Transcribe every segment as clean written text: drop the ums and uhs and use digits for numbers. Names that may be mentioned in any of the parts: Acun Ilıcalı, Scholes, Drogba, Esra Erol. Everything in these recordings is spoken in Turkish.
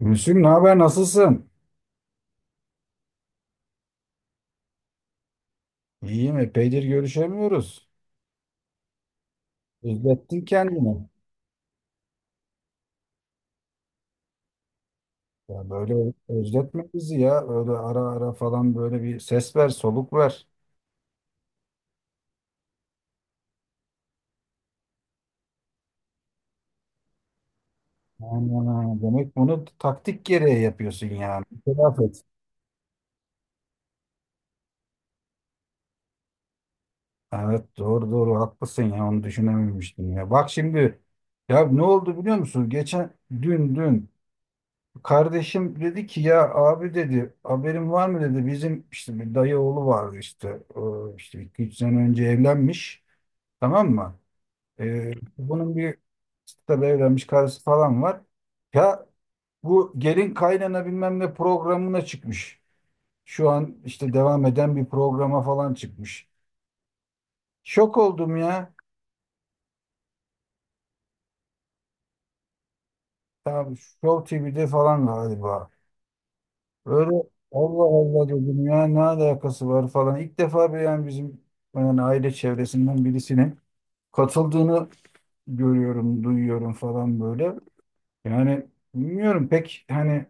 Gülsüm, ne haber, nasılsın? İyiyim, epeydir görüşemiyoruz. Özlettin kendini. Ya böyle özletme bizi ya. Öyle ara ara falan böyle bir ses ver, soluk ver. Aynen. Demek bunu taktik gereği yapıyorsun yani. İtiraf et. Evet, doğru doğru haklısın ya, onu düşünememiştim ya. Bak şimdi, ya ne oldu biliyor musun? Geçen dün, kardeşim dedi ki, ya abi dedi, haberin var mı dedi, bizim işte bir dayı oğlu vardı işte, o işte 2-3 sene önce evlenmiş, tamam mı? Ee, bunun bir Tabii evlenmiş, karısı falan var. Ya bu gelin kaynana bilmem ne programına çıkmış. Şu an işte devam eden bir programa falan çıkmış. Şok oldum ya. Tabii Show TV'de falan galiba. Böyle Allah Allah dedim ya, ne alakası var falan. İlk defa bir, yani bizim, yani aile çevresinden birisinin katıldığını görüyorum, duyuyorum falan böyle. Yani bilmiyorum pek, hani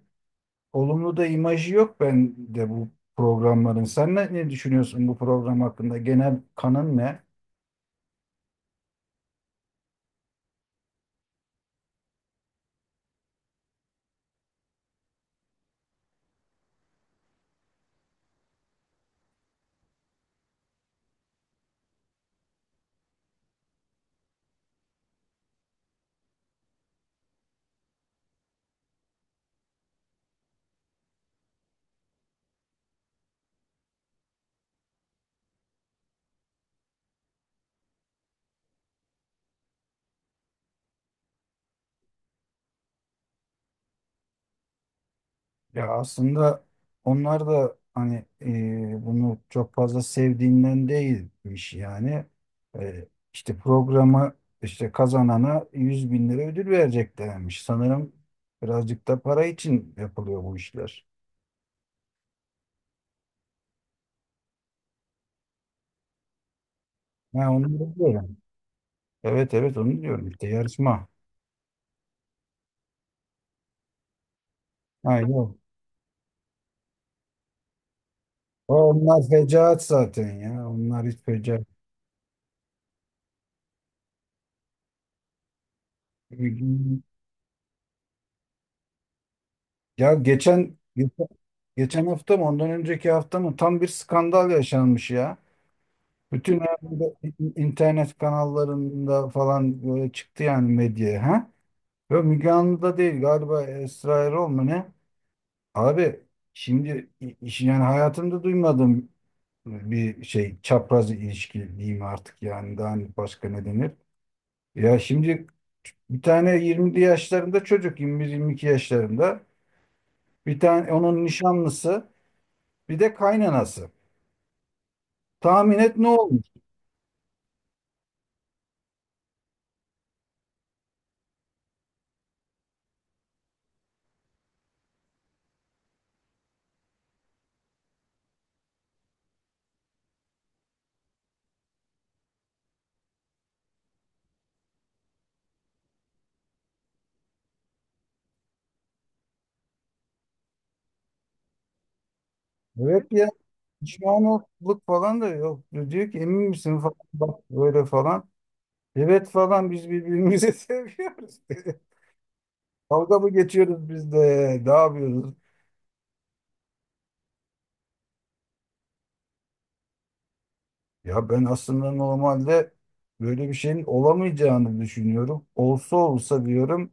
olumlu da imajı yok bende bu programların. Sen ne düşünüyorsun bu program hakkında? Genel kanın ne? Ya aslında onlar da hani bunu çok fazla sevdiğinden değilmiş yani. İşte programı, işte kazanana 100 bin lira ödül vereceklermiş. Sanırım birazcık da para için yapılıyor bu işler. Ha, onu da diyorum. Evet, evet, onu diyorum işte, yarışma. Ha, yok. Onlar fecaat zaten ya. Onlar hiç fecaat. Ya geçen hafta mı, ondan önceki hafta mı, tam bir skandal yaşanmış ya. Bütün herhalde internet kanallarında falan böyle çıktı yani medyaya ha. Ve Müge Anlı'da değil galiba, Esra Erol mu ne? Abi şimdi yani hayatımda duymadığım bir şey, çapraz ilişki diyeyim artık yani, daha hani başka ne denir? Ya şimdi bir tane 20'li yaşlarında çocuk, 21-22 yaşlarında, bir tane onun nişanlısı, bir de kaynanası. Tahmin et ne olmuş? Evet. Düşmanlık falan da yok. Diyor ki emin misin falan, bak böyle falan. Evet falan, biz birbirimizi seviyoruz. Dalga mı geçiyoruz, biz de ne yapıyoruz? Ya ben aslında normalde böyle bir şeyin olamayacağını düşünüyorum. Olsa olsa diyorum,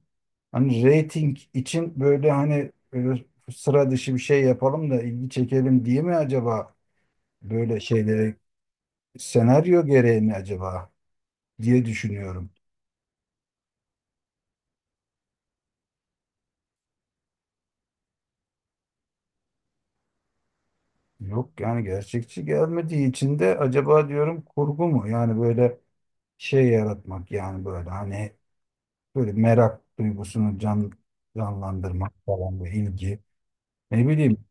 hani reyting için böyle, hani böyle sıra dışı bir şey yapalım da ilgi çekelim diye mi acaba, böyle şeylere senaryo gereği mi acaba diye düşünüyorum. Yok yani, gerçekçi gelmediği için de acaba diyorum kurgu mu? Yani böyle şey yaratmak, yani böyle hani böyle merak duygusunu canlandırmak falan bu ilgi. Ne bileyim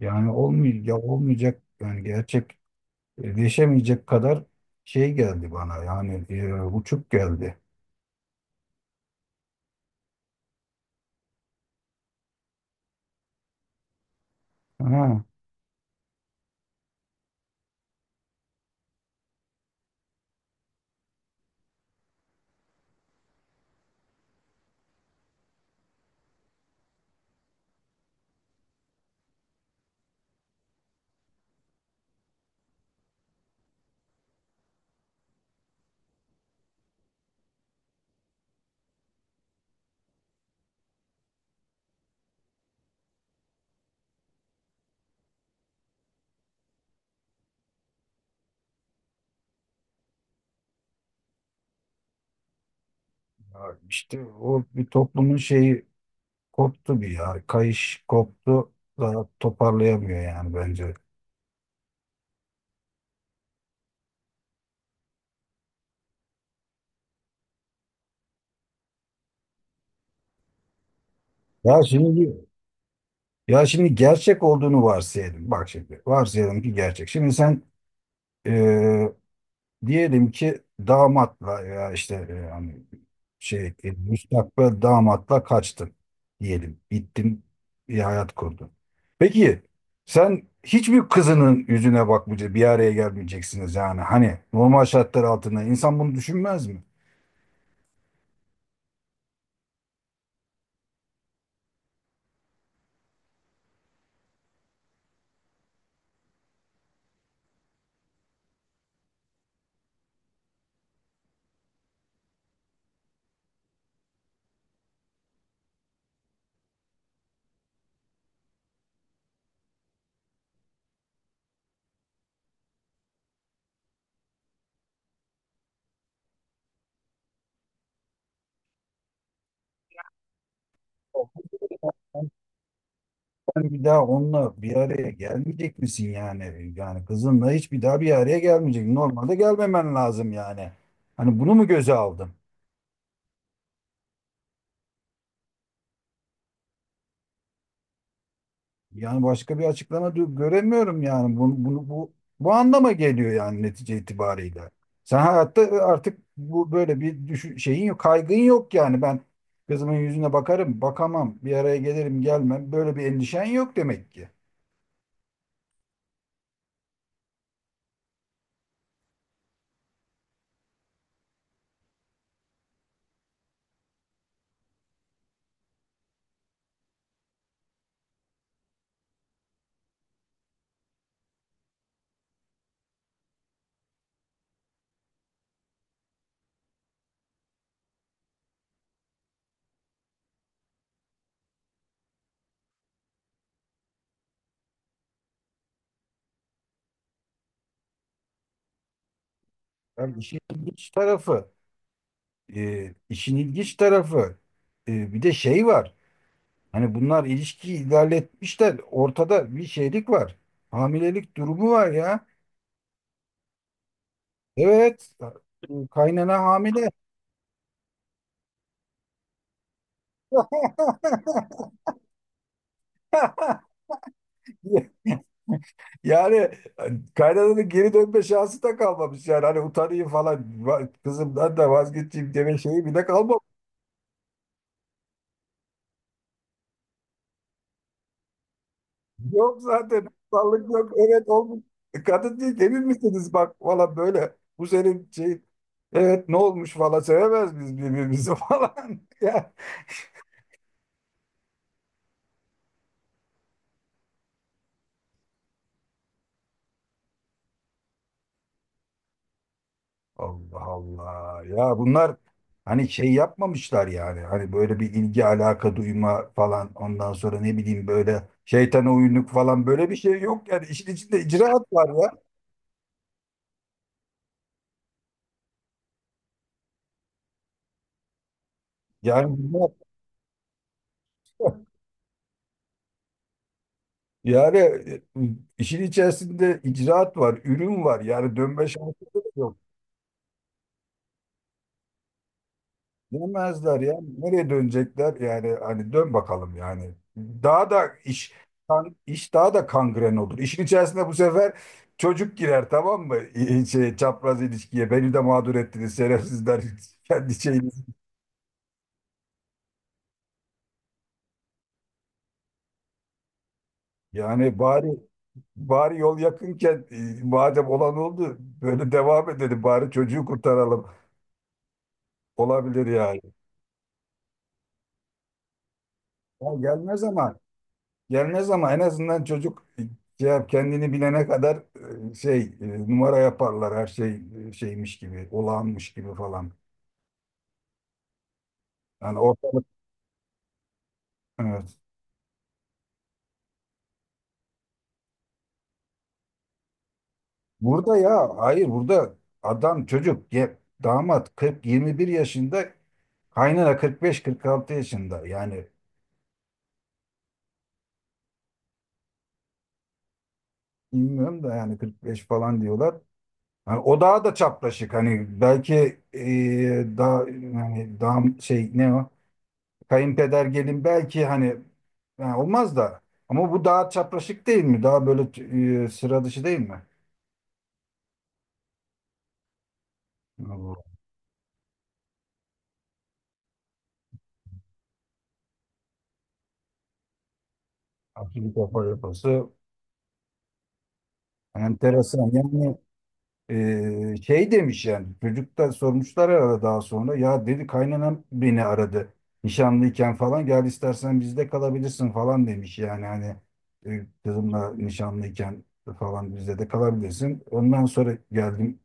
yani, olmuyor ya, olmayacak yani, gerçekleşemeyecek kadar şey geldi bana yani, uçuk geldi. Ha, ya işte o bir toplumun şeyi koptu, bir ya kayış koptu da toparlayamıyor yani bence. Ya şimdi Ya şimdi gerçek olduğunu varsayalım. Bak şimdi, varsayalım ki gerçek. Şimdi sen, e, diyelim ki damatla, ya işte, hani şey, müstakbel damatla kaçtın diyelim. Gittin, bir hayat kurdun. Peki sen hiçbir kızının yüzüne bakmayacaksın, bir araya gelmeyeceksiniz yani. Hani normal şartlar altında insan bunu düşünmez mi? Sen bir daha onunla bir araya gelmeyecek misin yani? Yani kızınla hiç bir daha bir araya gelmeyecek. Normalde gelmemen lazım yani. Hani bunu mu göze aldım? Yani başka bir açıklama göremiyorum yani. Bunu, bunu bu bu anlama geliyor yani netice itibariyle. Sen hayatta, artık bu, böyle bir düşün, şeyin yok, kaygın yok yani. Ben kızımın yüzüne bakarım, bakamam, bir araya gelirim, gelmem. Böyle bir endişen yok demek ki. Yani işin ilginç tarafı. İşin ilginç tarafı, bir de şey var. Hani bunlar ilişkiyi ilerletmişler. Ortada bir şeylik var. Hamilelik durumu var ya. Evet. Kaynana hamile. Yani kaynananın geri dönme şansı da kalmamış yani. Hani utanayım falan, kızımdan da vazgeçeyim deme şeyi bile kalmamış. Yok, zaten kutsallık yok. Evet, olmuş. Kadın değil emin misiniz, bak valla böyle. Bu senin şey. Evet, ne olmuş falan, sevemez biz birbirimizi falan. Ya. Allah Allah. Ya bunlar hani şey yapmamışlar yani. Hani böyle bir ilgi alaka duyma falan, ondan sonra ne bileyim, böyle şeytana uyunluk falan, böyle bir şey yok yani, işin içinde icraat var ya. Yani bunlar yani, işin içerisinde icraat var, ürün var. Yani dönme şansı da yok. Dönmezler ya. Nereye dönecekler? Yani hani dön bakalım yani. Daha da iş daha da kangren olur. İşin içerisinde bu sefer çocuk girer, tamam mı? Şey, çapraz ilişkiye. Beni de mağdur ettiniz şerefsizler. Kendi şeyiniz. Yani bari yol yakınken, madem olan oldu, böyle devam edelim. Bari çocuğu kurtaralım. Olabilir yani. Ya gelmez ama. Gelmez ama en azından çocuk şey yap, kendini bilene kadar, şey, numara yaparlar, her şey şeymiş gibi, olağanmış gibi falan. Yani ortalık, evet. Burada, ya hayır, burada adam çocuk ya, damat 40-21 yaşında, kaynana 45-46 yaşında yani, bilmiyorum da yani 45 falan diyorlar. Yani o daha da çapraşık, hani belki, daha yani daha şey ne, o kayınpeder gelin belki hani, ha, olmaz da, ama bu daha çapraşık değil mi? Daha böyle sıra dışı değil mi? Bu akili kafa yapısı enteresan. Yani şey demiş yani, çocuk sormuşlar arada, daha sonra ya dedi, kaynanam beni aradı nişanlıyken falan, gel istersen bizde kalabilirsin falan demiş yani, hani kızımla nişanlıyken falan bizde de kalabilirsin, ondan sonra geldim,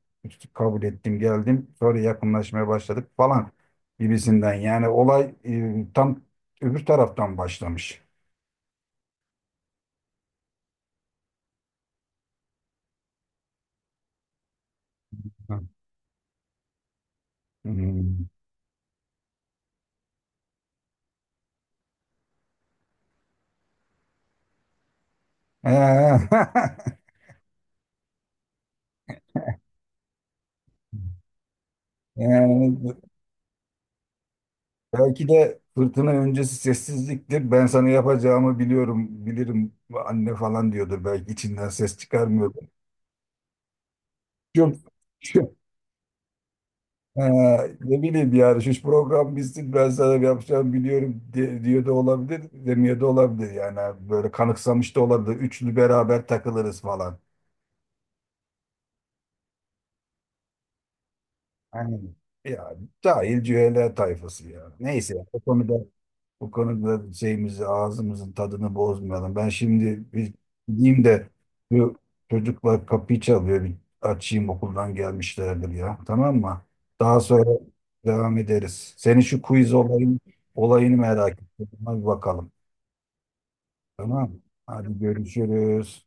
kabul ettim, geldim, sonra yakınlaşmaya başladık falan gibisinden, yani olay, tam öbür taraftan başlamış. Ha. Hmm. Ee, yani belki de fırtına öncesi sessizliktir. Ben sana yapacağımı biliyorum, bilirim anne falan diyordur. Belki içinden ses çıkarmıyordur. Çok, çok- Ha, ne bileyim yani, şu program bitsin ben sana yapacağımı biliyorum de, diyor da olabilir, demiyor da olabilir. Yani böyle kanıksamış da olabilir. Üçlü beraber takılırız falan. Aynen. Yani cahil cühele tayfası ya. Neyse o konuda Bu konuda şeyimizi, ağzımızın tadını bozmayalım. Ben şimdi bir gideyim de, şu çocuklar kapıyı çalıyor, bir açayım, okuldan gelmişlerdir ya. Tamam mı? Daha sonra devam ederiz. Senin şu quiz olayını merak ettim. Hadi bakalım. Tamam mı? Hadi görüşürüz.